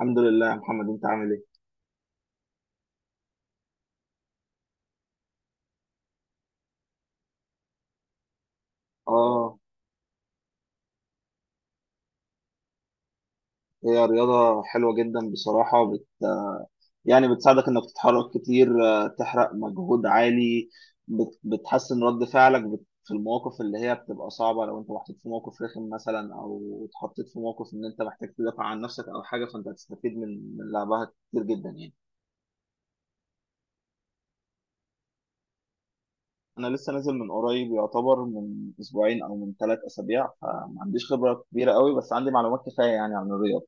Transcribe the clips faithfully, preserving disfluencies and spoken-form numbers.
الحمد لله يا محمد انت عامل ايه؟ اه، هي رياضة حلوة جدا بصراحة. بت... يعني بتساعدك انك تتحرك كتير، آه، تحرق مجهود عالي. بت... بتحسن رد فعلك بت... في المواقف اللي هي بتبقى صعبة، لو انت محطوط في موقف رخم مثلا، او اتحطيت في موقف ان انت محتاج تدافع عن نفسك او حاجة، فانت هتستفيد من من لعبها كتير جدا يعني. انا لسه نازل من قريب، يعتبر من اسبوعين او من ثلاث اسابيع، فما عنديش خبرة كبيرة قوي، بس عندي معلومات كفاية يعني عن الرياضة.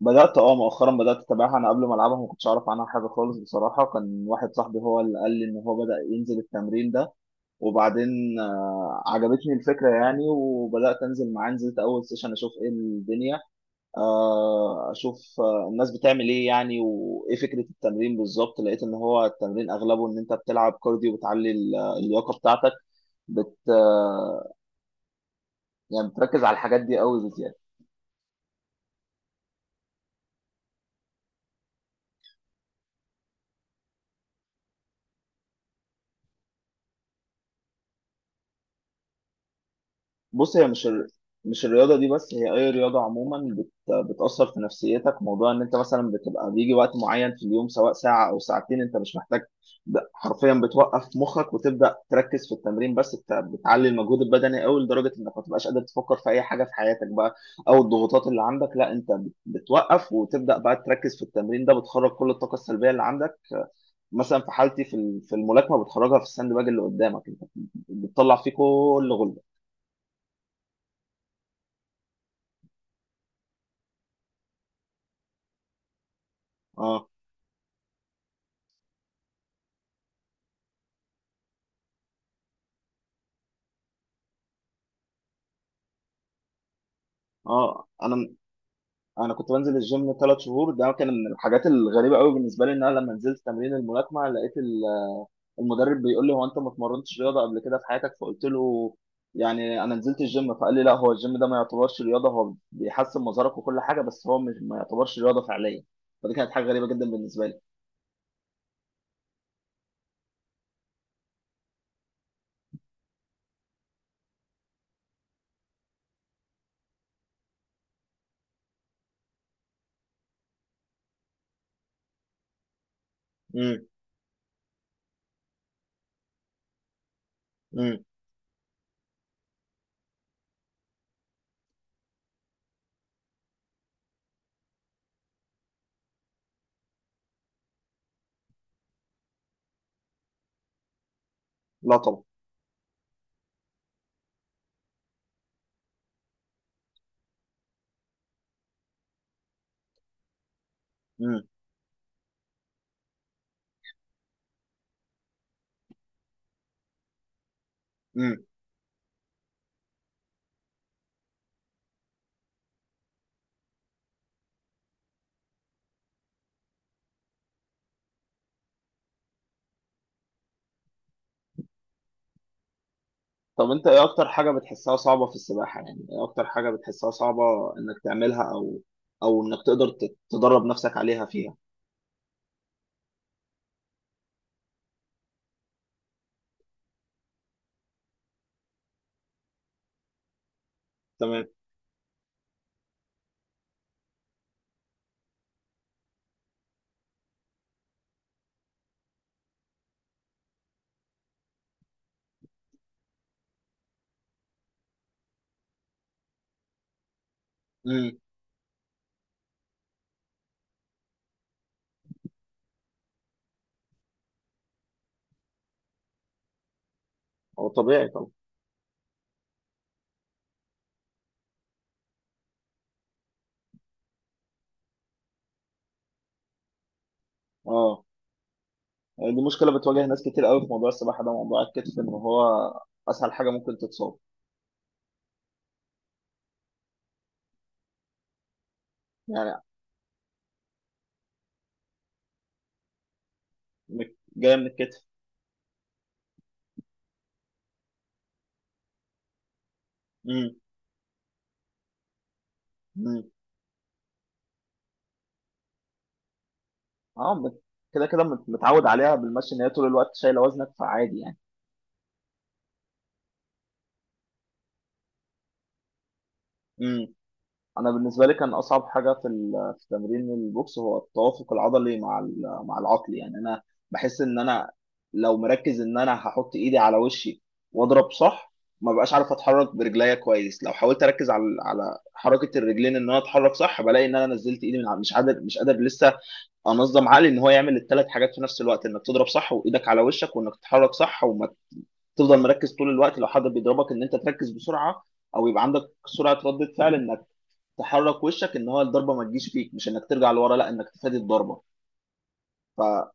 بدأت اه مؤخرا بدأت اتابعها. انا قبل ما العبها ما كنتش اعرف عنها حاجة خالص بصراحة، كان واحد صاحبي هو اللي قال لي ان هو بدأ ينزل التمرين ده، وبعدين آه، عجبتني الفكرة يعني، وبدأت انزل معاه. نزلت اول سيشن اشوف ايه الدنيا، آه، اشوف آه، الناس بتعمل ايه يعني، وايه فكرة التمرين بالظبط. لقيت ان هو التمرين اغلبه ان انت بتلعب كارديو، بتعلي ال- اللياقة بتاعتك، بت آه، يعني بتركز على الحاجات دي قوي. بص، هي مش ال... مش الرياضة دي بس، هي أي رياضة عموما بت... بتأثر في نفسيتك. موضوع إن أنت مثلا بتبقى بيجي وقت معين في اليوم، سواء ساعة أو ساعتين، أنت مش محتاج ب- حرفيا بتوقف مخك وتبدأ تركز في التمرين بس. بت... بتعلي المجهود البدني أوي لدرجة إنك ما تبقاش قادر تفكر في أي حاجة في حياتك بقى، أو الضغوطات اللي عندك. لا، أنت بت... بتوقف وتبدأ بقى تركز في التمرين ده، بتخرج كل الطاقة السلبية اللي عندك. مثلا في حالتي، في ال- في الملاكمة، بتخرجها في الساند باج اللي قدامك أنت، بتطلع فيه كل غل. اه، اه، انا انا كنت بنزل الجيم ثلاث شهور. ده كان من الحاجات الغريبه قوي بالنسبه لي، ان انا لما نزلت تمرين الملاكمه لقيت ال- المدرب بيقول لي: هو انت ما اتمرنتش رياضه قبل كده في حياتك؟ فقلت له يعني انا نزلت الجيم، فقال لي لا، هو الجيم ده ما يعتبرش رياضه، هو بيحسن مظهرك وكل حاجه بس، هو مش، ما يعتبرش رياضه فعليا. فدي كانت حاجه غريبه جدا بالنسبه لي. امم، امم، لا طبعا. امم، امم، طب انت ايه اكتر حاجه بتحسها صعبه في السباحه؟ يعني ايه اكتر حاجه بتحسها صعبه انك تعملها، او او انك تقدر تت- تدرب نفسك عليها فيها؟ تمام. امم. هو طبيعي طبعا. اه، يعني دي مشكله بتواجه ناس كتير قوي في موضوع السباحه ده، موضوع الكتف، ان هو اسهل حاجه ممكن تتصاب. يعني مك- جايه من الكتف. امم، امم. اه، مت- كده كده مت- متعود عليها بالمشي، ان هي طول الوقت شايله وزنك، فعادي يعني. انا بالنسبه لي كان اصعب حاجه في ال- في تمرين البوكس هو التوافق العضلي مع ال- مع العقل. يعني انا بحس ان انا لو مركز ان انا هحط ايدي على وشي واضرب صح، ما بقاش عارف اتحرك برجليا كويس. لو حاولت اركز على على حركه الرجلين ان انا اتحرك صح، بلاقي ان انا نزلت ايدي من ع- مش قادر، مش قادر لسه انظم عقلي ان هو يعمل الثلاث حاجات في نفس الوقت: انك تضرب صح، وايدك على وشك، وانك تتحرك صح، وما تفضل مركز طول الوقت. لو حد بيضربك، ان انت تركز بسرعه، او يبقى عندك سرعه رده فعل انك تحرك وشك ان هو الضربه ما تجيش فيك، مش انك ترجع لورا، لا، انك تفادي الضربه. ف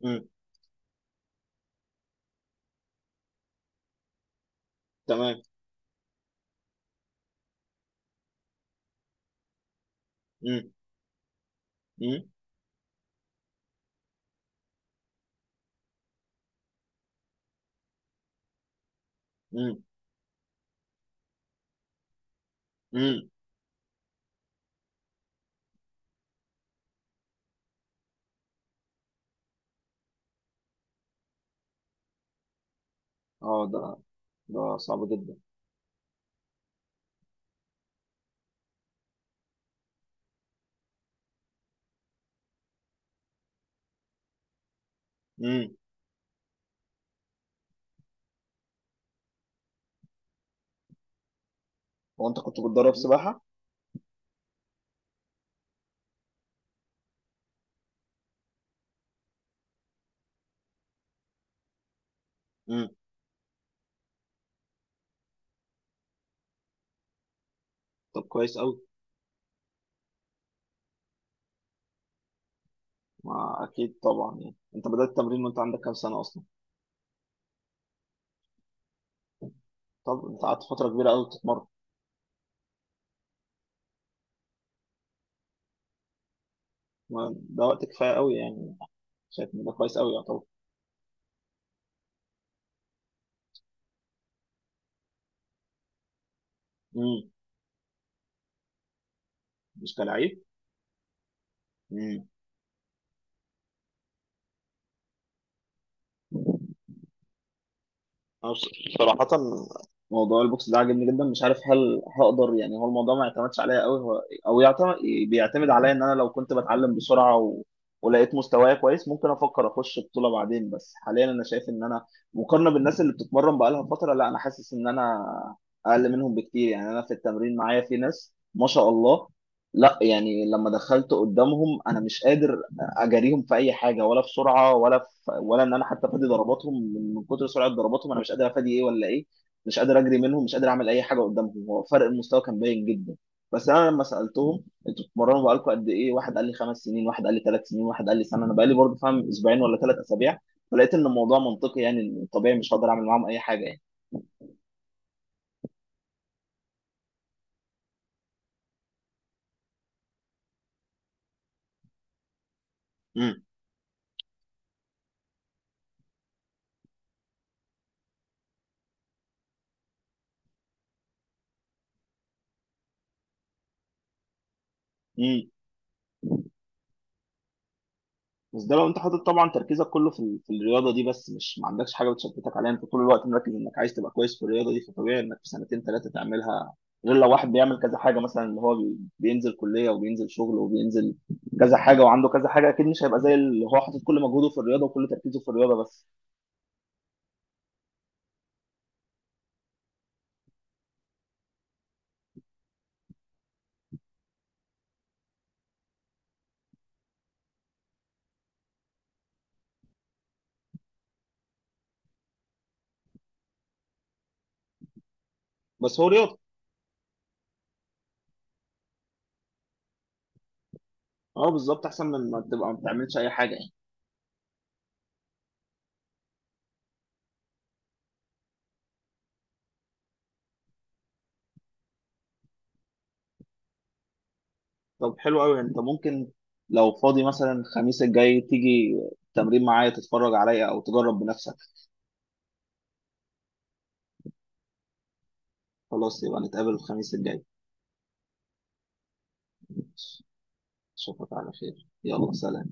مم. تمام. مم. مم. مم. مم. اه، ده ده صعب جدا. مم. هو انت كنت بتدرب سباحه؟ مم. طب كويس قوي. ما اكيد طبعا. يعني انت بدات التمرين وانت عندك كام سنه اصلا؟ طب انت قعدت فتره كبيره قوي بتتمرن. ما- ده وقت كفايه قوي يعني. شايف ان ده كويس قوي يعتبر. مم. مش كلاعب. مم. أنا بص- صراحة موضوع البوكس ده عاجبني جدا. مش عارف هل هقدر، يعني هو الموضوع ما يعتمدش عليا قوي، هو او يعتمد بيعتمد عليا. ان انا لو كنت بتعلم بسرعة و... ولقيت مستواي كويس، ممكن افكر اخش بطولة بعدين. بس حاليا انا شايف ان انا مقارنة بالناس اللي بتتمرن بقالها فترة، لا، انا حاسس ان انا اقل منهم بكتير. يعني انا في التمرين معايا في ناس ما شاء الله. لا يعني، لما دخلت قدامهم انا مش قادر اجاريهم في اي حاجه، ولا في سرعه، ولا في ولا ان انا حتى افادي ضرباتهم. من من كتر سرعه ضرباتهم، انا مش قادر افادي ايه ولا ايه، مش قادر اجري منهم، مش قادر اعمل اي حاجه قدامهم. هو فرق المستوى كان باين جدا. بس انا لما سالتهم انتوا بتتمرنوا بقالكم قد ايه، واحد قال لي خمس سنين، واحد قال لي ثلاث سنين، واحد قال لي سنه، انا بقالي برضه فاهم اسبوعين ولا ثلاث اسابيع. فلقيت ان الموضوع منطقي، يعني طبيعي مش هقدر اعمل معاهم اي حاجه يعني. امم. بس ده لو انت حاطط طبعا تركيزك كله في ال- في الرياضه دي بس، مش ما عندكش حاجه بتشتتك عليها، انت طول الوقت مركز انك عايز تبقى كويس في الرياضه دي، فطبيعي انك في سنتين ثلاثه تعملها. غير لو واحد بيعمل كذا حاجه، مثلا اللي هو بي- بينزل كليه وبينزل شغل وبينزل كذا حاجه وعنده كذا حاجه، اكيد مش هيبقى زي اللي هو حاطط كل مجهوده في الرياضه وكل تركيزه في الرياضه بس. بس هو رياضه. اه بالظبط، احسن من ما تبقى ما بتعملش اي حاجه يعني. طب حلو قوي، انت ممكن لو فاضي مثلا الخميس الجاي تيجي تمرين معايا، تتفرج عليا او تجرب بنفسك. خلاص، يبقى نتقابل الخميس الجاي. أشوفك على خير، يلا سلام.